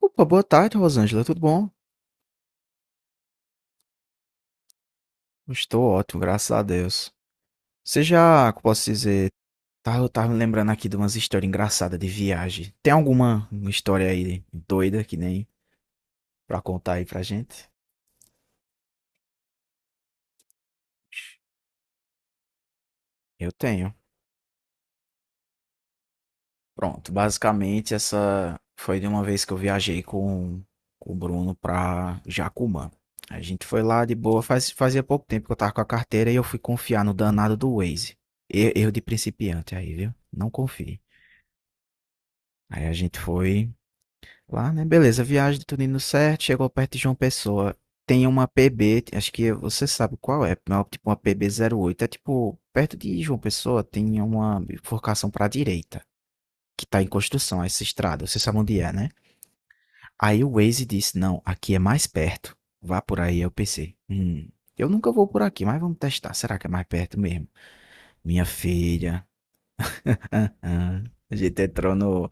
Opa, boa tarde, Rosângela. Tudo bom? Estou ótimo, graças a Deus. Você já, como posso dizer, tá, eu tava me lembrando aqui de umas histórias engraçadas de viagem. Tem alguma história aí doida que nem pra contar aí pra gente? Eu tenho. Pronto, basicamente essa foi de uma vez que eu viajei com o Bruno pra Jacumã. A gente foi lá de boa, fazia pouco tempo que eu tava com a carteira e eu fui confiar no danado do Waze. Erro de principiante aí, viu? Não confie. Aí a gente foi lá, né? Beleza, viagem tudo indo certo, chegou perto de João Pessoa. Tem uma PB, acho que você sabe qual é, não, é tipo uma PB-8. É tipo, perto de João Pessoa tem uma bifurcação pra direita, que tá em construção, essa estrada, você sabe onde é, né? Aí o Waze disse, não, aqui é mais perto, vá por aí. Eu pensei, eu nunca vou por aqui, mas vamos testar, será que é mais perto mesmo? Minha filha, ah, a gente entrou no,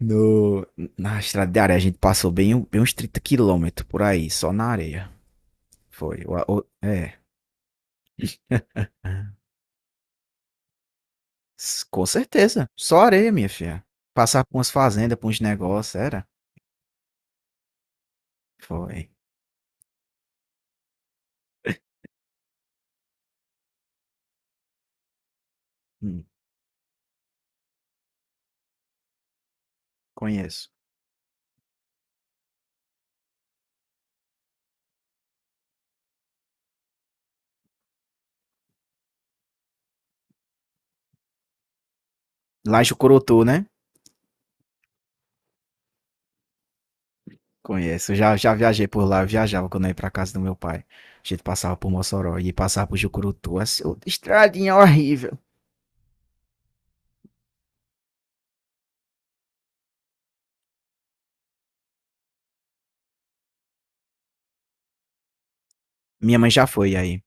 No, na estrada de areia. A gente passou bem, bem uns 30 quilômetros por aí, só na areia. Foi. S- com certeza. Só areia, minha filha. Passar por umas fazendas, por uns negócios, era? Foi. Hum, conheço. Lá em Jucurutu, né? Conheço. Já, já viajei por lá, eu viajava quando eu ia pra casa do meu pai. A gente passava por Mossoró e passava por Jucurutu. Assim, outra estradinha horrível. Minha mãe já foi aí.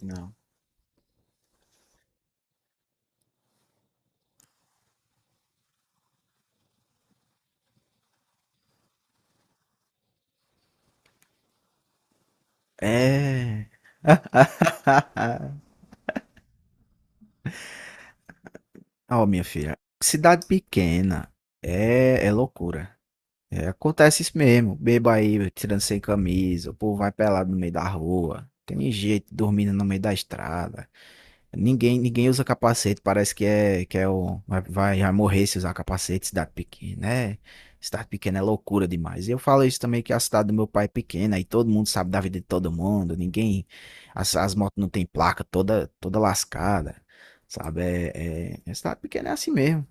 Não. É. Ó, minha filha, cidade pequena é, é loucura. É, acontece isso mesmo. Beba aí, tirando sem camisa, o povo vai pelado no meio da rua. Tem gente dormindo no meio da estrada. Ninguém, ninguém usa capacete, parece que é o vai, vai vai morrer se usar capacete, cidade pequena, né? Cidade pequena é loucura demais. E eu falo isso também que a cidade do meu pai é pequena e todo mundo sabe da vida de todo mundo, ninguém, as motos não tem placa, toda toda lascada, sabe? É, é, é cidade pequena é assim mesmo.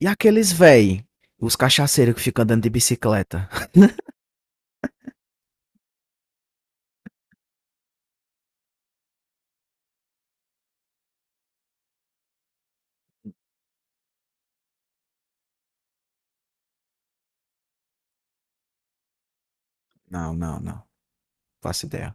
E aqueles véi, os cachaceiros que ficam andando de bicicleta? Não, não, não. Faço ideia.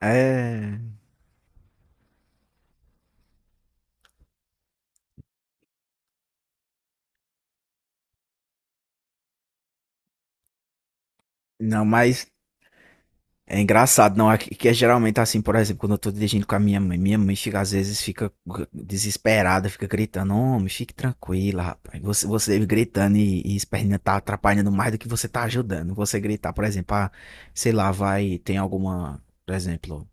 É, não, mas é engraçado. Não, é que é geralmente assim, por exemplo, quando eu tô dirigindo com a minha mãe fica, às vezes fica desesperada, fica gritando, homem, fique tranquila, rapaz, você gritando e esperneando tá atrapalhando mais do que você tá ajudando, você gritar, por exemplo, ah, sei lá, vai, tem alguma, por exemplo,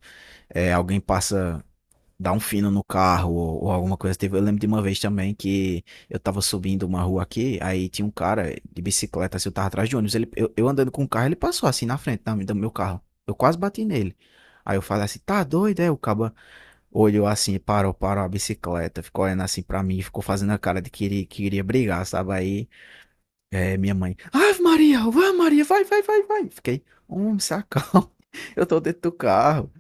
é, alguém passa dar um fino no carro ou alguma coisa. Teve, eu lembro de uma vez também que eu tava subindo uma rua aqui, aí tinha um cara de bicicleta, assim, eu tava atrás de ônibus. Ele, eu andando com o carro, ele passou assim na frente do meu carro. Eu quase bati nele. Aí eu falei assim, tá doido, é? O caba olhou assim, e parou, parou a bicicleta, ficou olhando assim pra mim, ficou fazendo a cara de que iria brigar, sabe? Aí é, minha mãe, Ave Maria, vai, vai, vai, vai. Fiquei, homem, se acalma, eu tô dentro do carro.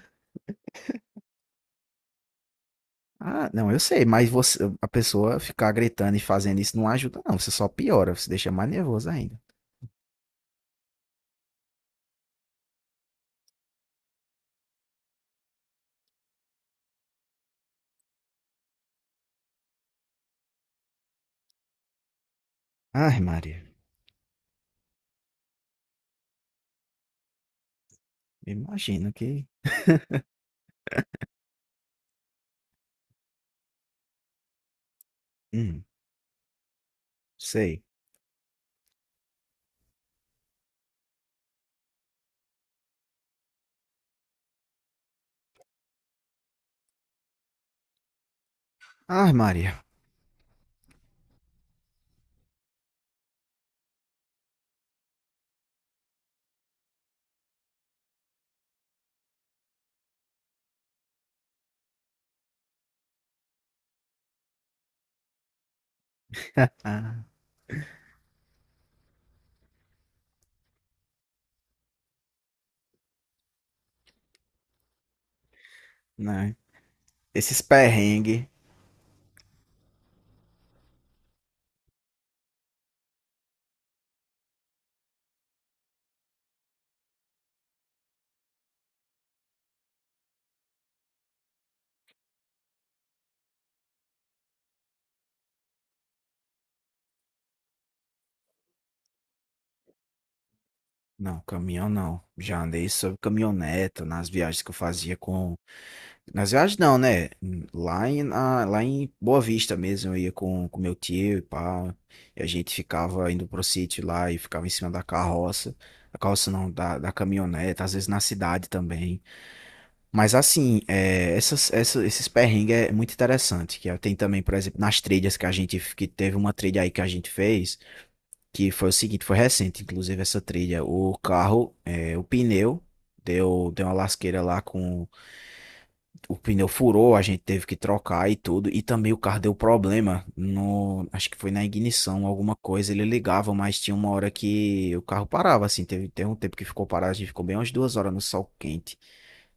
Ah, não, eu sei, mas você, a pessoa ficar gritando e fazendo isso não ajuda, não. Você só piora, você deixa mais nervoso ainda. Ai, Maria, imagino que. Hum, sei. Ai, Maria, né? Esses perrengues. Não, caminhão não. Já andei sobre caminhoneta nas viagens que eu fazia com, nas viagens não, né? Lá em, lá em Boa Vista mesmo, eu ia com meu tio e pá. E a gente ficava indo pro sítio lá e ficava em cima da carroça. Da carroça não, da, da caminhonete, às vezes na cidade também. Mas assim, é, essas, esses perrengues é muito interessante. Que é, tem também, por exemplo, nas trilhas que a gente, que teve uma trilha aí que a gente fez, que foi o seguinte, foi recente, inclusive, essa trilha. O carro, é, o pneu, deu uma lasqueira lá com, o pneu furou, a gente teve que trocar e tudo. E também o carro deu problema no, acho que foi na ignição, alguma coisa. Ele ligava, mas tinha uma hora que o carro parava, assim. Teve um tempo que ficou parado, a gente ficou bem umas 2 horas no sol quente.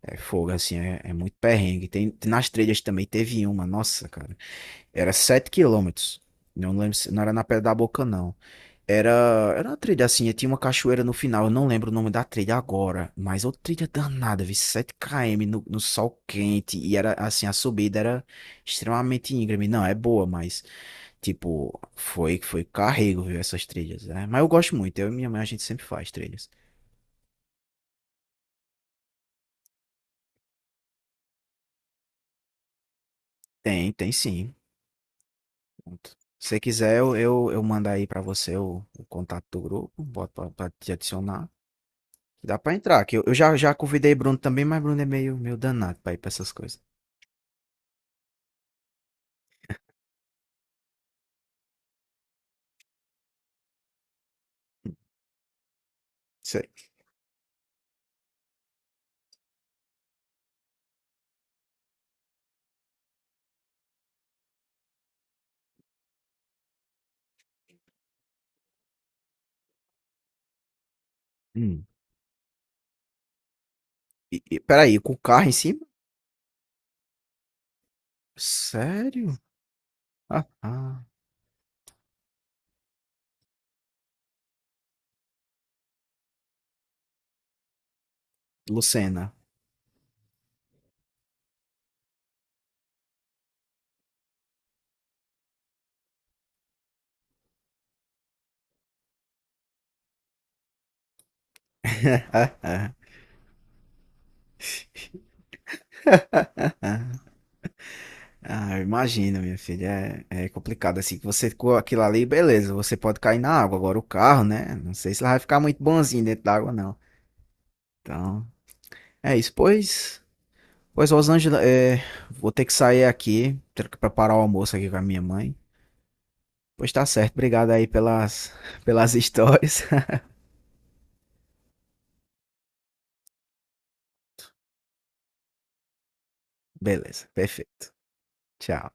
É fogo, assim, é, é muito perrengue. Tem, nas trilhas também teve uma, nossa, cara. Era 7 quilômetros. Não lembro, não era na Pedra da Boca, não. Era uma trilha assim, tinha uma cachoeira no final, eu não lembro o nome da trilha agora, mas outra trilha danada, vi 7 km no, no sol quente, e era assim, a subida era extremamente íngreme. Não, é boa, mas tipo, foi foi carrego, viu, essas trilhas, né? Mas eu gosto muito, eu e minha mãe a gente sempre faz trilhas. Tem, tem sim. Pronto. Se você quiser, eu mando aí pra você o contato do grupo, boto pra, pra te adicionar. Dá pra entrar, que eu já, já convidei Bruno também, mas Bruno é meio, meio danado pra ir pra essas coisas. Hum. E, peraí, com o carro em cima? Sério? Ah, ah. Lucena. Ah, eu imagino, minha filha. É, é complicado assim. Que você com aquilo ali, beleza, você pode cair na água. Agora o carro, né? Não sei se ela vai ficar muito bonzinho dentro da água, não. Então, é isso. Pois, pois Rosângela, é, vou ter que sair aqui. Tenho que preparar o almoço aqui com a minha mãe. Pois tá certo. Obrigado aí pelas, pelas histórias. Beleza, perfeito. Tchau.